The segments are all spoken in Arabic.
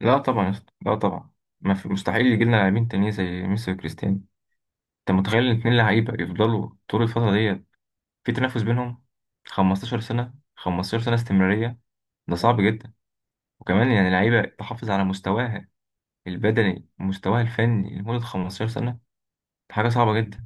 لا طبعا يا اسطى، لا طبعا. ما في مستحيل يجي لنا لاعبين تانيين زي ميسي وكريستيانو. انت متخيل الاتنين لعيبه يفضلوا طول الفتره ديت في تنافس بينهم؟ 15 سنه، 15 سنه استمراريه. ده صعب جدا. وكمان يعني لعيبه تحافظ على مستواها البدني ومستواها الفني لمده 15 سنه. دي حاجه صعبه جدا.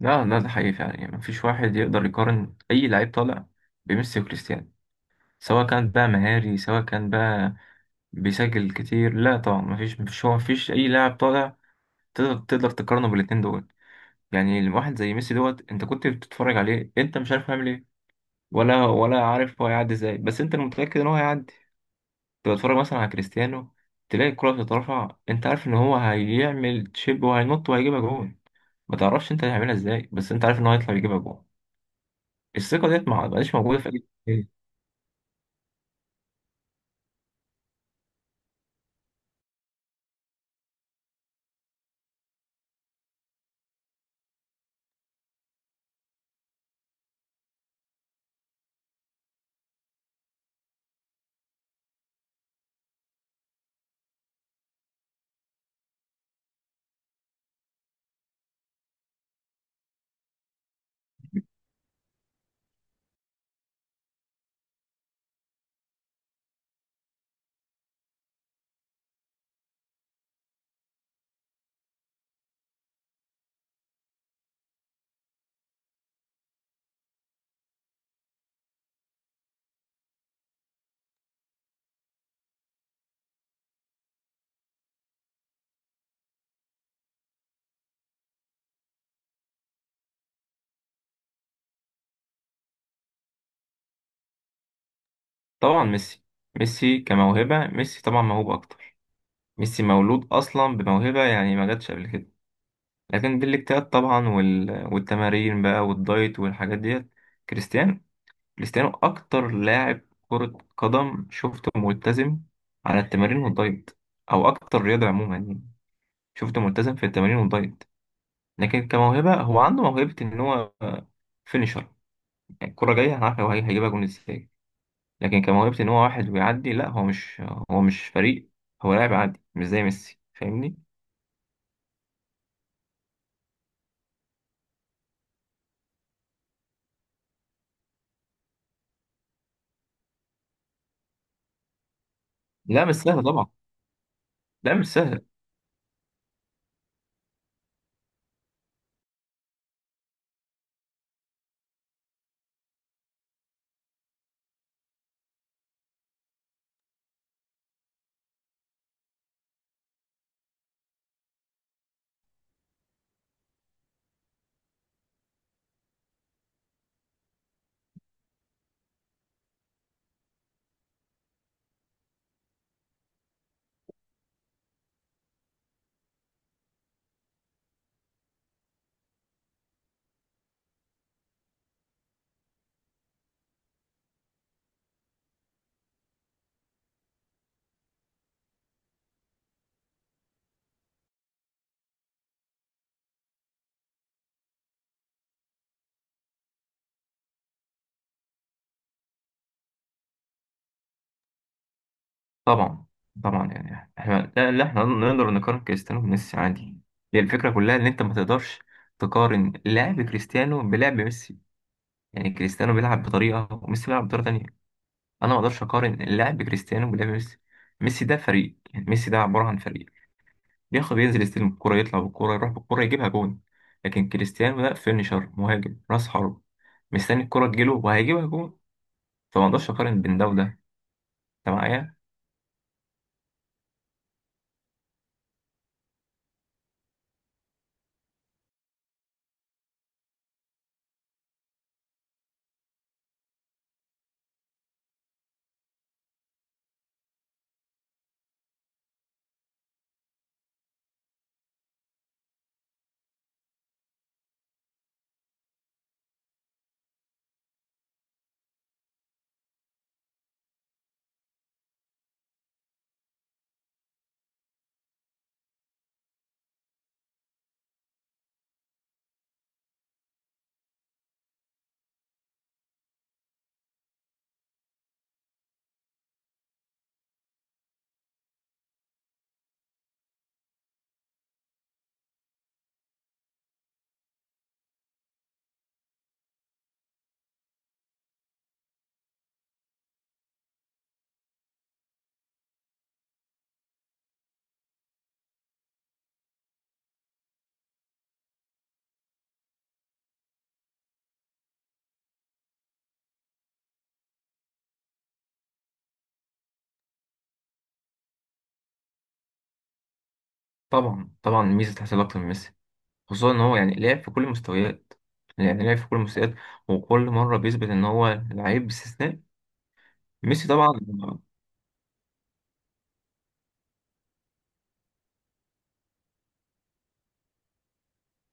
لا، لا، ده حقيقي فعلا. يعني مفيش واحد يقدر يقارن اي لعيب طالع بميسي وكريستيانو. سواء كان بقى مهاري، سواء كان بقى بيسجل كتير. لا طبعا، مفيش هو مفيش اي لاعب طالع. تقدر تقارنه بالاتنين دول. يعني واحد زي ميسي دوت، انت كنت بتتفرج عليه انت مش عارف هيعمل ايه. ولا عارف هو هيعدي ازاي، بس انت متأكد ان هو هيعدي. تبقى تتفرج مثلا على كريستيانو، تلاقي الكرة بتترفع انت عارف ان هو هيعمل تشيب وهينط وهيجيبها جون. ما تعرفش انت هيعملها ازاي، بس انت عارف ان هو هيطلع يجيبها جون. الثقة ديت ما بقاش موجودة في اي لعيب. طبعا ميسي كموهبة، ميسي طبعا موهوب اكتر. ميسي مولود اصلا بموهبة، يعني ما جاتش قبل كده. لكن بالاجتهاد طبعا والتمارين بقى والدايت والحاجات ديت. كريستيانو كريستيانو اكتر لاعب كرة قدم شفته ملتزم على التمارين والدايت. او اكتر رياضة عموما يعني. شفته ملتزم في التمارين والدايت. لكن كموهبة هو عنده موهبة ان هو فينيشر. يعني الكرة جاية، انا عارف هو هيجيبها جون ازاي. لكن كموهبة ان هو واحد ويعدي، لا هو مش فريق. هو لاعب عادي مش زي ميسي، فاهمني؟ لا، مش سهل طبعا. لا، مش سهل. طبعا، طبعا. يعني احنا، لا، لا، احنا نقدر نقارن كريستيانو بميسي عادي. هي الفكره كلها ان انت ما تقدرش تقارن لعب كريستيانو بلعب ميسي. يعني كريستيانو بيلعب بطريقه وميسي بيلعب بطريقه تانية. انا ما اقدرش اقارن لعب كريستيانو بلعب ميسي. ميسي ده فريق، يعني ميسي ده عباره عن فريق. بياخد ينزل يستلم الكوره يطلع بالكوره يروح بالكوره يجيبها جون. لكن كريستيانو ده فينيشر، مهاجم راس حرب. مستني الكوره تجيله وهيجيبها جون. فما اقدرش اقارن بين ده وده. انت معايا؟ طبعا، طبعا. ميسي تحصل اكتر من ميسي. خصوصا ان هو يعني لعب في كل المستويات، يعني لعب في كل المستويات. وكل مره بيثبت ان هو لعيب استثنائي. ميسي طبعا.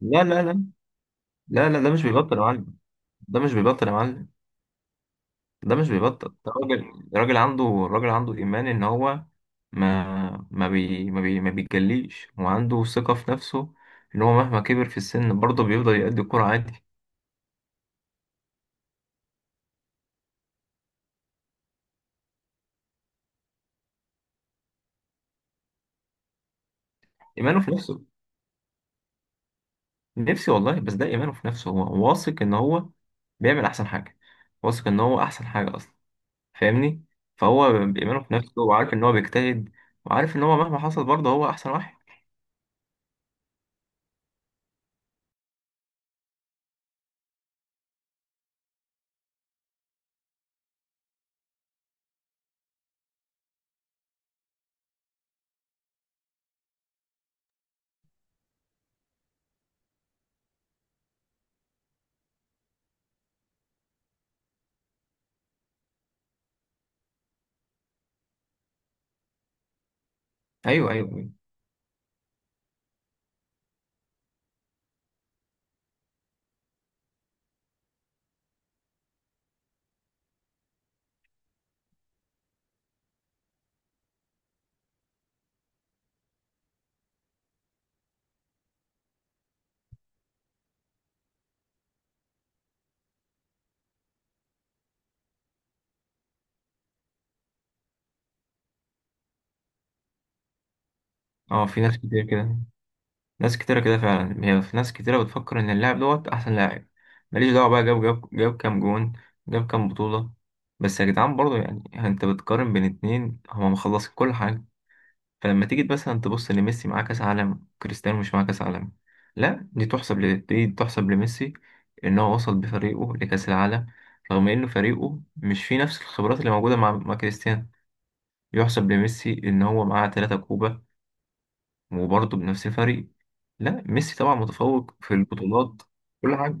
لا، لا، لا، لا، لا، ده مش بيبطل يا معلم. ده مش بيبطل يا معلم. ده مش بيبطل. ده راجل عنده ايمان ان هو ما بيتجليش وعنده ثقه في نفسه. ان هو مهما كبر في السن برضه بيفضل يأدي الكرة عادي. ايمانه في نفسه. نفسي والله، بس ده ايمانه في نفسه، هو واثق ان هو بيعمل احسن حاجه. واثق ان هو احسن حاجه اصلا. فاهمني؟ فهو بإيمانه في نفسه وعارف إن هو بيجتهد. وعارف إن هو مهما حصل برضه هو أحسن واحد. أيوه، أيوه. أه، في ناس كتير كده. ناس كتيرة كده فعلا، هي في ناس كتيرة بتفكر إن اللاعب دوت أحسن لاعب. ماليش دعوة بقى، جاب كام جون. جاب كام بطولة. بس يا جدعان برضه، يعني أنت بتقارن بين اتنين هما مخلصين كل حاجة. فلما تيجي مثلا تبص ان ميسي معاه كاس عالم، كريستيانو مش معاه كاس عالم. لا، دي تحسب دي تحسب لميسي. ان هو وصل بفريقه لكاس العالم. رغم انه فريقه مش فيه نفس الخبرات اللي موجوده مع كريستيانو. يحسب لميسي ان هو معاه 3 كوبا. وبرضه بنفس الفريق. لا ميسي طبعا متفوق في البطولات. كل حاجه.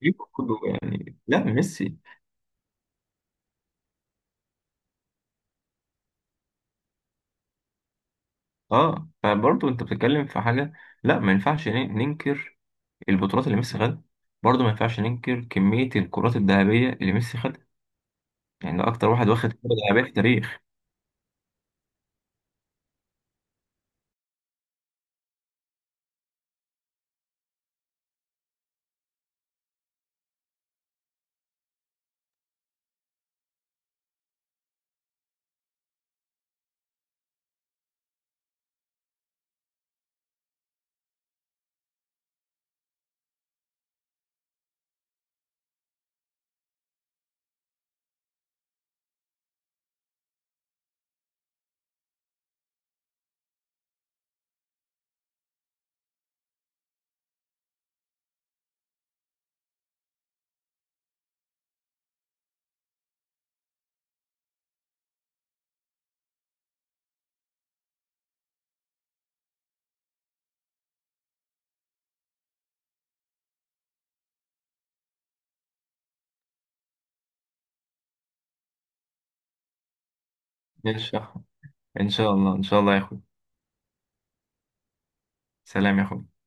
بيجيب كله يعني، لا ميسي. اه، فبرضه انت بتتكلم في حاجه. لا، ما ينفعش ننكر البطولات اللي ميسي خدها. برضه ما ينفعش ننكر كمية الكرات الذهبية اللي ميسي خدها. يعني ده أكتر واحد واخد كرة ذهبية في التاريخ. ماشي يا أحمد. ان شاء الله، ان شاء الله يا اخوي. سلام يا اخوي.